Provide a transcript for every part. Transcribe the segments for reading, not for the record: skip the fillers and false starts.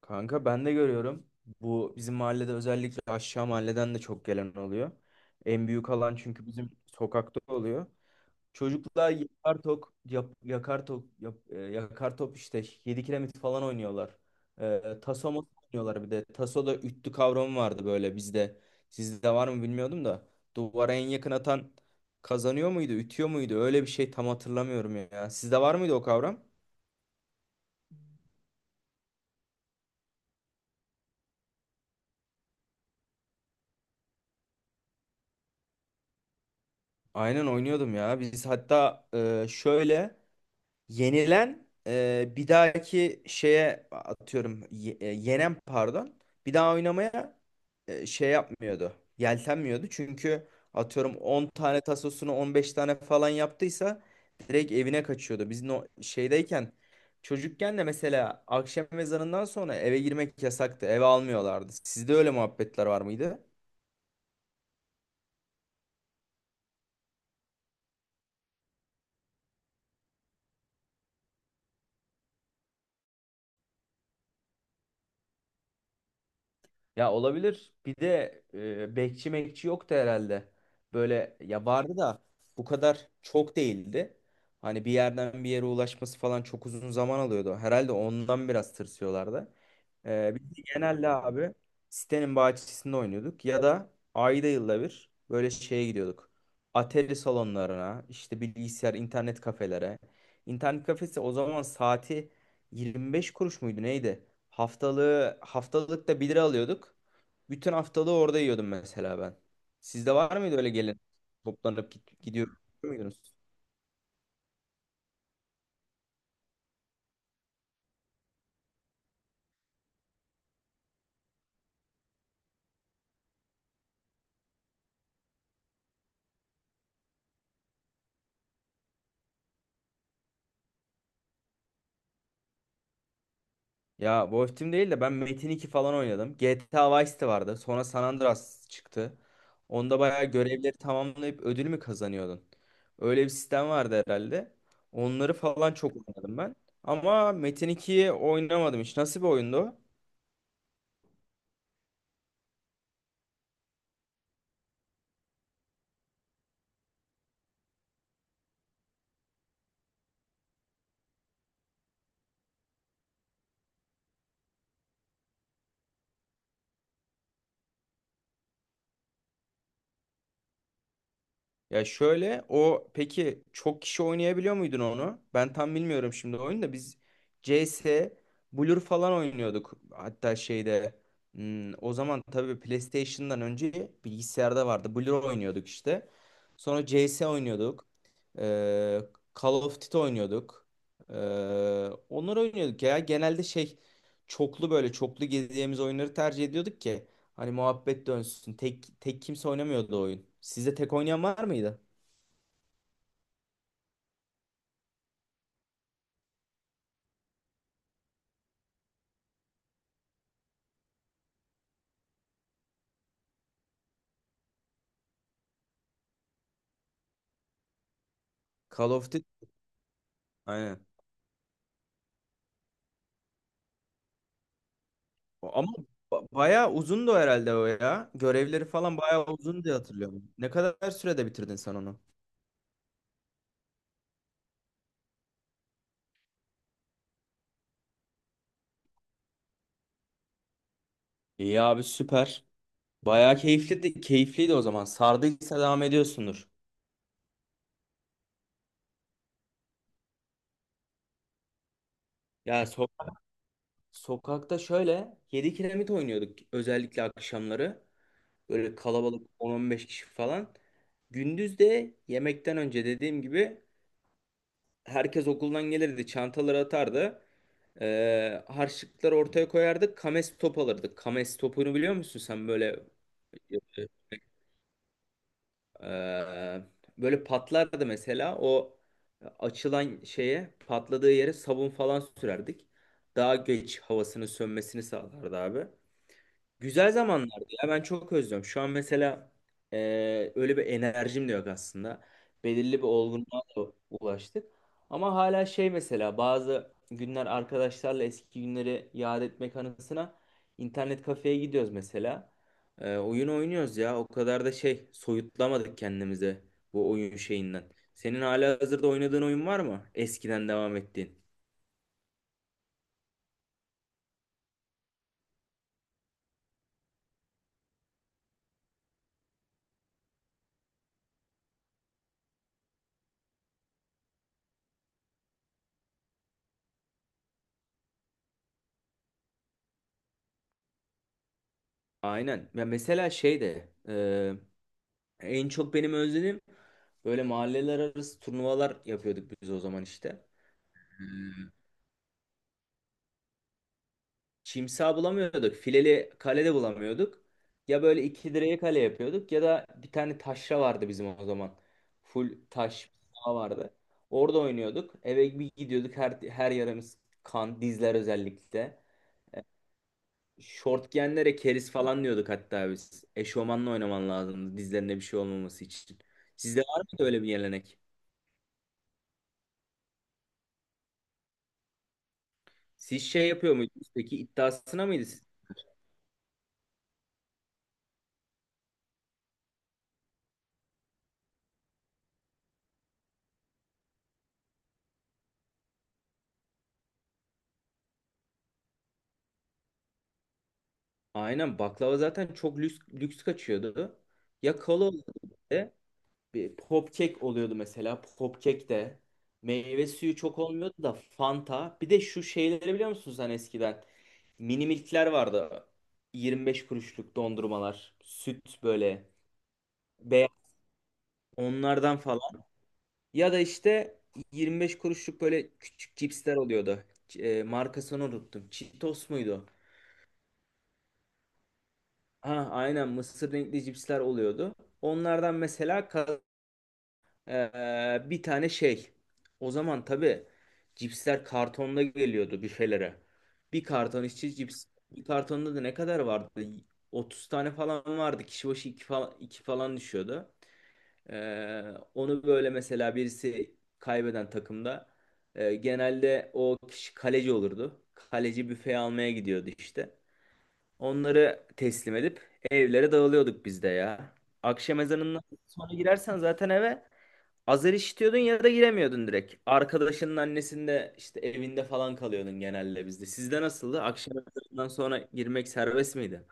Kanka ben de görüyorum. Bu bizim mahallede özellikle aşağı mahalleden de çok gelen oluyor. En büyük alan çünkü bizim sokakta oluyor. Çocuklar yakar tok, yap- yakar tok, yap- e, yakar top işte 7 kiremit falan oynuyorlar. Taso masa oynuyorlar bir de. Taso'da üttü kavramı vardı böyle bizde. Sizde var mı bilmiyordum da. Duvara en yakın atan kazanıyor muydu, ütüyor muydu? Öyle bir şey tam hatırlamıyorum ya. Sizde var mıydı o kavram? Aynen oynuyordum ya. Biz hatta şöyle, yenilen, bir dahaki şeye atıyorum, yenen pardon, bir daha oynamaya şey yapmıyordu. Yeltenmiyordu çünkü atıyorum 10 tane tasosunu 15 tane falan yaptıysa direkt evine kaçıyordu. Biz no şeydeyken çocukken de mesela akşam ezanından sonra eve girmek yasaktı. Eve almıyorlardı. Sizde öyle muhabbetler var mıydı? Ya olabilir. Bir de bekçi mekçi yoktu herhalde. Böyle ya vardı da bu kadar çok değildi. Hani bir yerden bir yere ulaşması falan çok uzun zaman alıyordu. Herhalde ondan biraz tırsıyorlardı. Biz de genelde abi sitenin bahçesinde oynuyorduk. Ya da ayda yılda bir böyle şeye gidiyorduk. Atari salonlarına, işte bilgisayar, internet kafelere. İnternet kafesi o zaman saati 25 kuruş muydu neydi? Haftalık da 1 lira alıyorduk. Bütün haftalığı orada yiyordum mesela ben. Sizde var mıydı öyle gelin toplanıp gidiyor muydunuz? Ya bu Team değil de ben Metin 2 falan oynadım. GTA Vice de vardı. Sonra San Andreas çıktı. Onda bayağı görevleri tamamlayıp ödül mü kazanıyordun? Öyle bir sistem vardı herhalde. Onları falan çok oynadım ben. Ama Metin 2'yi oynamadım hiç. Nasıl bir oyundu o? Ya şöyle, o peki çok kişi oynayabiliyor muydun onu? Ben tam bilmiyorum şimdi oyunu da. Biz CS, Blur falan oynuyorduk. Hatta şeyde, o zaman tabii PlayStation'dan önce bilgisayarda vardı. Blur oynuyorduk işte. Sonra CS oynuyorduk. Ee, Call of Duty oynuyorduk. Ee, Onları oynuyorduk ya. Genelde şey, çoklu, böyle çoklu gezeceğimiz oyunları tercih ediyorduk ki. Hani muhabbet dönsün. Tek tek kimse oynamıyordu o oyun. Sizde tek oynayan var mıydı? Call of Duty. Aynen. Ama bayağı uzundu herhalde o ya. Görevleri falan bayağı uzun diye hatırlıyorum. Ne kadar sürede bitirdin sen onu? İyi abi, süper. Bayağı keyifliydi, keyifliydi o zaman. Sardıysa devam ediyorsundur. Ya sokakta şöyle 7 kiremit oynuyorduk özellikle akşamları. Böyle kalabalık 10-15 kişi falan. Gündüz de yemekten önce dediğim gibi herkes okuldan gelirdi, çantaları atardı. Harçlıkları ortaya koyardık. Kames top alırdık. Kames topunu biliyor musun sen? Böyle ee, böyle patlardı mesela. O açılan şeye, patladığı yere sabun falan sürerdik. Daha geç havasının sönmesini sağlardı abi. Güzel zamanlardı ya, ben çok özlüyorum. Şu an mesela öyle bir enerjim de yok aslında. Belirli bir olgunluğa da ulaştık. Ama hala şey, mesela bazı günler arkadaşlarla eski günleri yad etmek anısına internet kafeye gidiyoruz mesela. Oyun oynuyoruz ya, o kadar da şey soyutlamadık kendimize bu oyun şeyinden. Senin hala hazırda oynadığın oyun var mı? Eskiden devam ettiğin. Aynen. Ya mesela şey de, en çok benim özledim, böyle mahalleler arası turnuvalar yapıyorduk biz o zaman işte. Çimsa bulamıyorduk. Fileli kale de bulamıyorduk. Ya böyle iki direğe kale yapıyorduk ya da bir tane taşra vardı bizim o zaman. Full taş saha vardı. Orada oynuyorduk. Eve bir gidiyorduk. Her yarımız kan, dizler özellikle. Şort giyenlere keriz falan diyorduk hatta biz. Eşofmanla oynaman lazımdı dizlerine bir şey olmaması için. Sizde var mıydı öyle bir gelenek? Siz şey yapıyor muydunuz peki, iddiasına mıydı? Siz? Aynen, baklava zaten çok lüks, lüks kaçıyordu. Ya kola oluyordu bir de, bir pop cake oluyordu mesela. Pop cake de, meyve suyu çok olmuyordu da Fanta. Bir de şu şeyleri biliyor musunuz, hani eskiden mini milkler vardı. 25 kuruşluk dondurmalar, süt böyle beyaz onlardan falan. Ya da işte 25 kuruşluk böyle küçük cipsler oluyordu. Markasını unuttum. Cheetos muydu? Ha, aynen mısır renkli cipsler oluyordu. Onlardan mesela bir tane şey. O zaman tabii cipsler kartonda geliyordu büfelere. Bir karton içi cips. Bir kartonda da ne kadar vardı? 30 tane falan vardı. Kişi başı 2 falan, iki falan düşüyordu. Eee, Onu böyle mesela birisi kaybeden takımda, genelde o kişi kaleci olurdu. Kaleci büfeye almaya gidiyordu işte. Onları teslim edip evlere dağılıyorduk biz de ya. Akşam ezanından sonra girersen zaten eve azar işitiyordun ya da giremiyordun direkt. Arkadaşının annesinde, işte evinde falan kalıyordun genelde bizde. Sizde nasıldı? Akşam ezanından sonra girmek serbest miydi?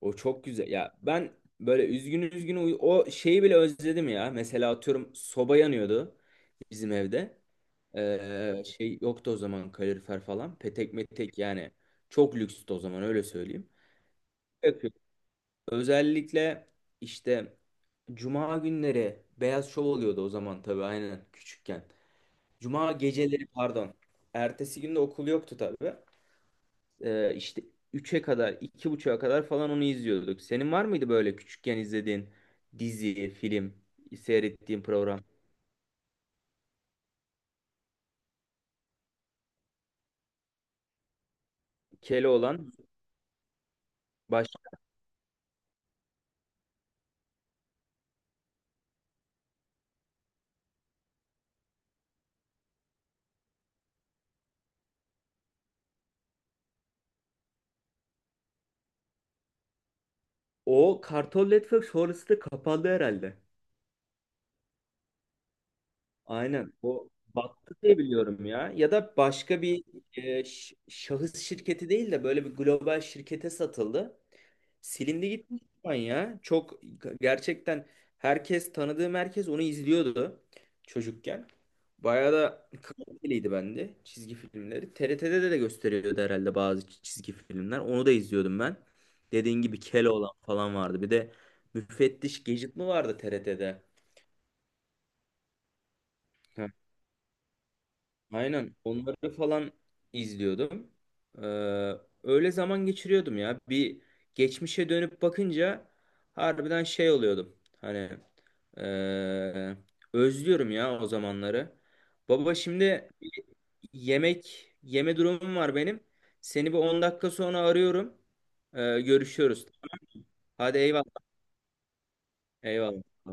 O çok güzel. Ya ben böyle üzgün üzgün o şeyi bile özledim ya. Mesela atıyorum soba yanıyordu bizim evde. Şey yoktu o zaman, kalorifer falan. Petek metek yani. Çok lükstü o zaman, öyle söyleyeyim. Özellikle işte Cuma günleri Beyaz Şov oluyordu o zaman, tabii aynen küçükken. Cuma geceleri pardon. Ertesi günde okul yoktu tabii. İşte 3'e kadar, 2.30'a kadar falan onu izliyorduk. Senin var mıydı böyle küçükken izlediğin dizi, film, seyrettiğin program? Keloğlan baş... O Kartal Network sonrası da kapandı herhalde. Aynen. O battı diye biliyorum ya. Ya da başka bir, şahıs şirketi değil de böyle bir global şirkete satıldı. Silindi gitmiş şu an ya. Çok gerçekten, herkes, tanıdığım herkes onu izliyordu çocukken. Bayağı da kaliteliydi bende çizgi filmleri. TRT'de de gösteriyordu herhalde bazı çizgi filmler. Onu da izliyordum ben. Dediğin gibi Keloğlan falan vardı. Bir de Müfettiş Gadget mi vardı TRT'de? Aynen onları falan izliyordum. Ee, Öyle zaman geçiriyordum ya. Bir geçmişe dönüp bakınca harbiden şey oluyordum. Hani ee, özlüyorum ya o zamanları. Baba şimdi yemek yeme durumum var benim. Seni bir 10 dakika sonra arıyorum. Görüşüyoruz. Hadi eyvallah. Eyvallah.